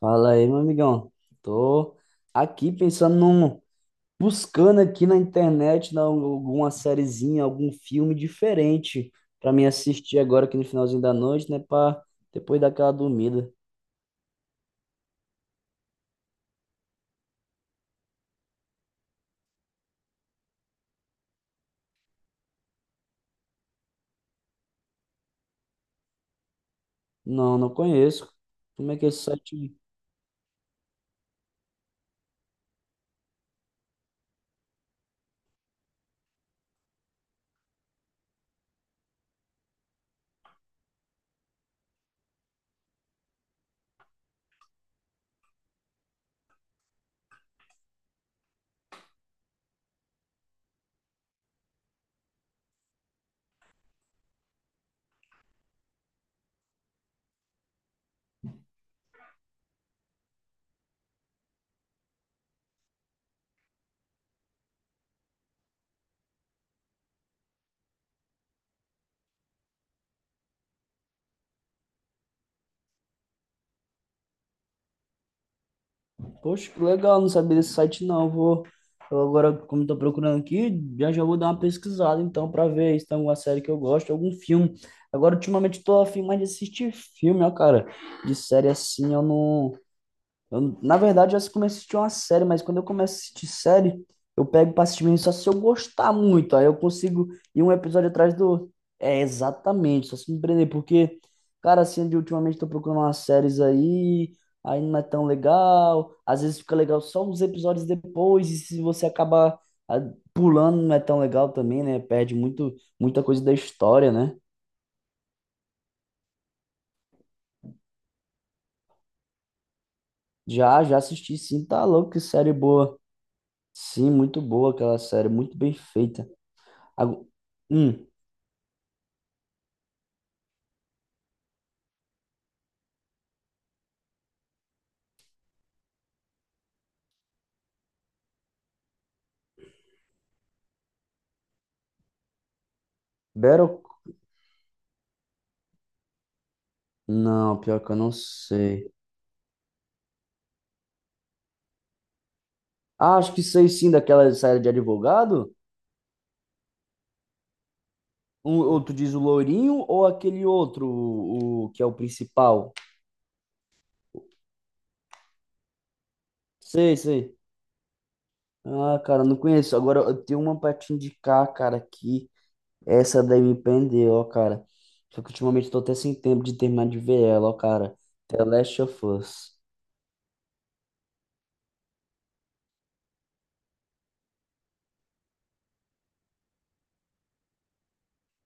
Fala aí, meu amigão. Tô aqui pensando num, buscando aqui na internet alguma sériezinha, algum filme diferente pra mim assistir agora aqui no finalzinho da noite, né, pra depois daquela dormida. Não, conheço. Como é que é esse site? Poxa, que legal, não sabia desse site não. Vou eu agora, como tô procurando aqui, já já vou dar uma pesquisada então pra ver se tem alguma série que eu gosto, algum filme. Agora ultimamente tô afim mais de assistir filme, ó, cara. De série assim, eu não. Eu, na verdade, eu comecei a assistir uma série, mas quando eu começo a assistir série, eu pego pra assistir mesmo só se eu gostar muito. Aí eu consigo ir um episódio atrás do outro. É, exatamente, só se me prender, porque, cara, assim, de ultimamente tô procurando umas séries aí, aí não é tão legal. Às vezes fica legal só uns episódios depois, e se você acabar, ah, pulando, não é tão legal também, né? Perde muito, muita coisa da história, né? Já, já assisti, sim, tá louco, que série boa. Sim, muito boa aquela série, muito bem feita. Agu- Hum, Battle? Não, pior que eu não sei. Ah, acho que sei sim daquela série de advogado. Um, ou tu diz o loirinho ou aquele outro, o que é o principal? Sei, sei. Ah, cara, não conheço. Agora eu tenho uma pra te indicar, cara, que essa daí me prendeu, ó, cara. Só que ultimamente eu tô até sem tempo de terminar de ver ela, ó, cara. The Last of Us.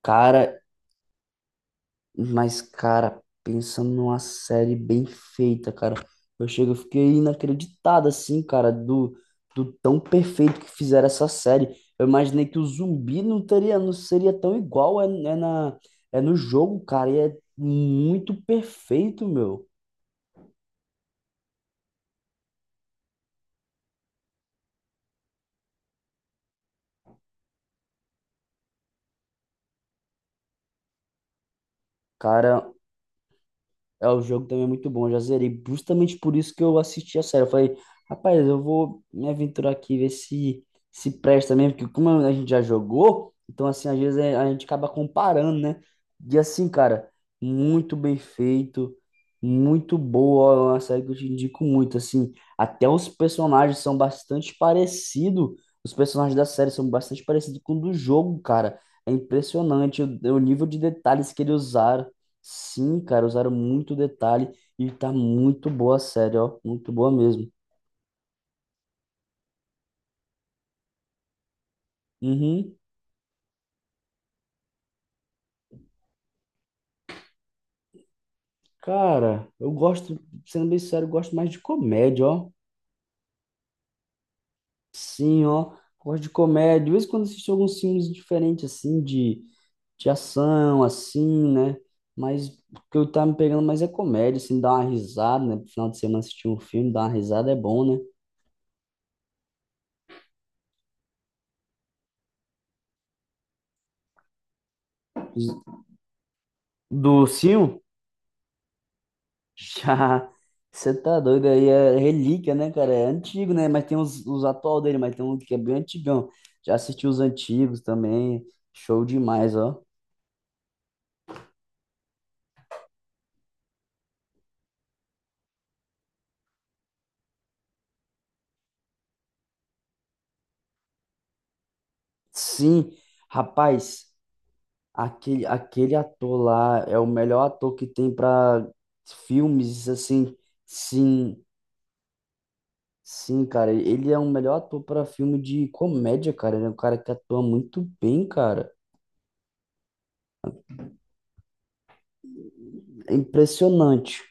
Cara, mas, cara, pensando numa série bem feita, cara, eu chego, eu fiquei inacreditado, assim, cara, do, do tão perfeito que fizeram essa série. Eu imaginei que o zumbi não teria, não seria tão igual é, é na, é no jogo, cara, e é muito perfeito, meu. Cara, é, o jogo também é muito bom, eu já zerei. Justamente por isso que eu assisti a série. Eu falei, rapaz, eu vou me aventurar aqui, ver se presta mesmo, porque como a gente já jogou, então assim, às vezes a gente acaba comparando, né? E assim, cara, muito bem feito, muito boa, é uma série que eu te indico muito, assim, até os personagens são bastante parecidos, os personagens da série são bastante parecidos com o do jogo, cara. É impressionante o nível de detalhes que ele usaram. Sim, cara, usaram muito detalhe e tá muito boa a série, ó. Muito boa mesmo. Uhum. Cara, eu gosto, sendo bem sério, eu gosto mais de comédia, ó. Sim, ó. Gosto de comédia. De vez em quando assisto alguns filmes diferentes, assim, de ação, assim, né? Mas o que eu tava me pegando mais é comédia, assim, dar uma risada, né? No final de semana assistir um filme, dar uma risada é bom, né? Do Sil? Já, você tá doido aí, é relíquia, né, cara? É antigo, né? Mas tem os atual dele, mas tem um que é bem antigão. Já assisti os antigos também, show demais, ó. Sim, rapaz, aquele, aquele ator lá é o melhor ator que tem pra filmes, assim. Sim, sim, cara, ele é o melhor ator pra filme de comédia, cara. Ele é um cara que atua muito bem, cara. É impressionante.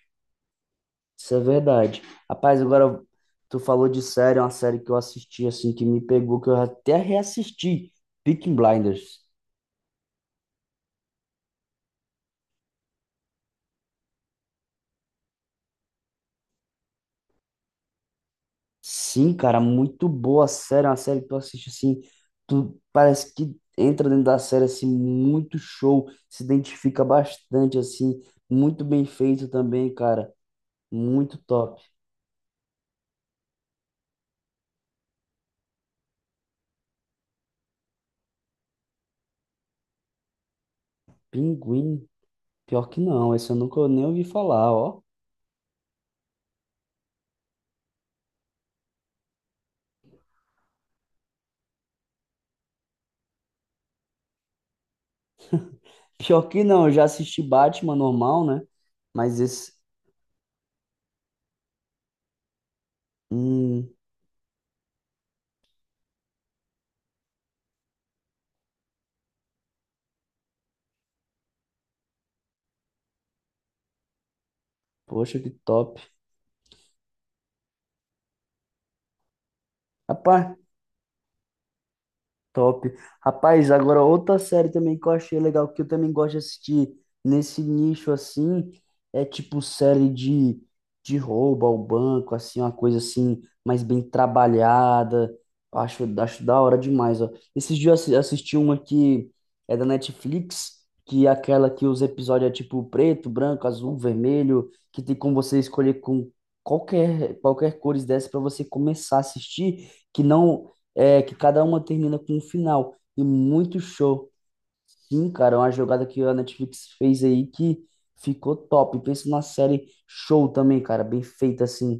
Isso é verdade. Rapaz, agora tu falou de série, é uma série que eu assisti assim que me pegou, que eu até reassisti, Peaky Blinders. Sim, cara, muito boa a série, é uma série que tu assiste assim, tu parece que entra dentro da série assim muito show, se identifica bastante assim, muito bem feito também, cara, muito top. Pinguim, pior que não, esse eu nunca nem ouvi falar, ó. Pior que não, eu já assisti Batman normal, né? Mas esse hum, poxa, que top. Rapaz, top. Rapaz, agora outra série também que eu achei legal, que eu também gosto de assistir nesse nicho assim, é tipo série de roubo ao banco, assim, uma coisa assim, mais bem trabalhada. Eu acho, acho da hora demais, ó. Esses dias eu assisti uma que é da Netflix, que é aquela que os episódios é tipo preto, branco, azul, vermelho, que tem como você escolher com qualquer cores dessas pra você começar a assistir que não. É, que cada uma termina com um final. E muito show. Sim, cara, é uma jogada que a Netflix fez aí que ficou top. Pensa numa série show também, cara, bem feita assim.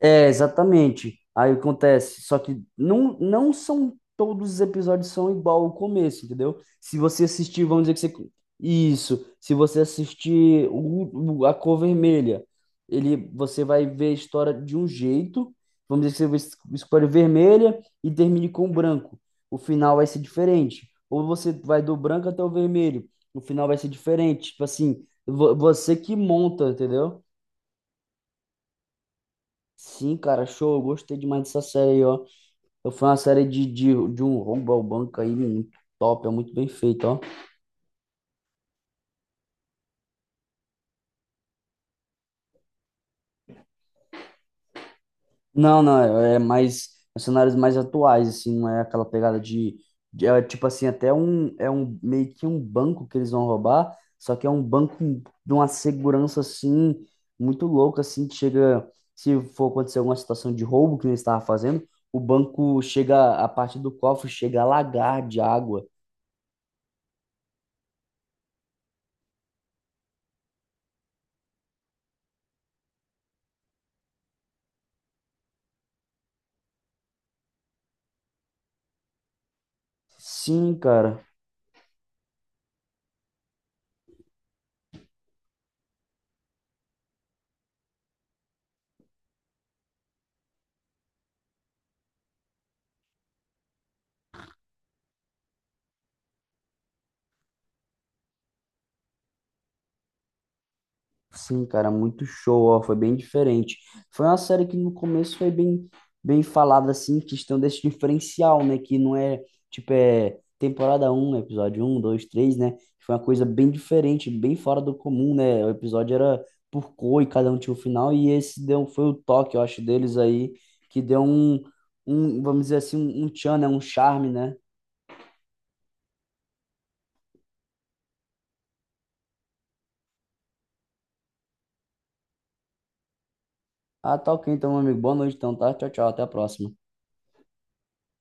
É, exatamente. Aí acontece, só que não, não são todos os episódios são igual ao começo, entendeu? Se você assistir, vamos dizer que você... Isso, se você assistir o, a cor vermelha, ele, você vai ver a história de um jeito, vamos dizer que você vê a história vermelha e termine com o branco. O final vai ser diferente. Ou você vai do branco até o vermelho, o final vai ser diferente. Tipo assim, você que monta, entendeu? Sim, cara, show. Eu gostei demais dessa série aí, ó, eu fui uma série de um roubo ao banco aí muito top, é muito bem feito, ó. Não, é é mais é cenários mais atuais, assim, não é aquela pegada de, é, tipo assim, até um é um meio que um banco que eles vão roubar, só que é um banco de uma segurança assim muito louca, assim, que chega se for acontecer alguma situação de roubo que eles estavam fazendo, o banco chega, a parte do cofre chega a lagar de água. Sim, cara. Sim, cara, muito show, ó, foi bem diferente. Foi uma série que no começo foi bem, bem falada, assim, questão desse diferencial, né? Que não é, tipo, é temporada um episódio um 2 3 né? Foi uma coisa bem diferente, bem fora do comum, né? O episódio era por cor e cada um tinha um final, e esse deu, foi o toque, eu acho, deles aí, que deu um, um vamos dizer assim, um tchan, né? Um charme, né? Ah, tá ok, então, meu amigo. Boa noite, então, tá? Tchau, tchau, até a próxima.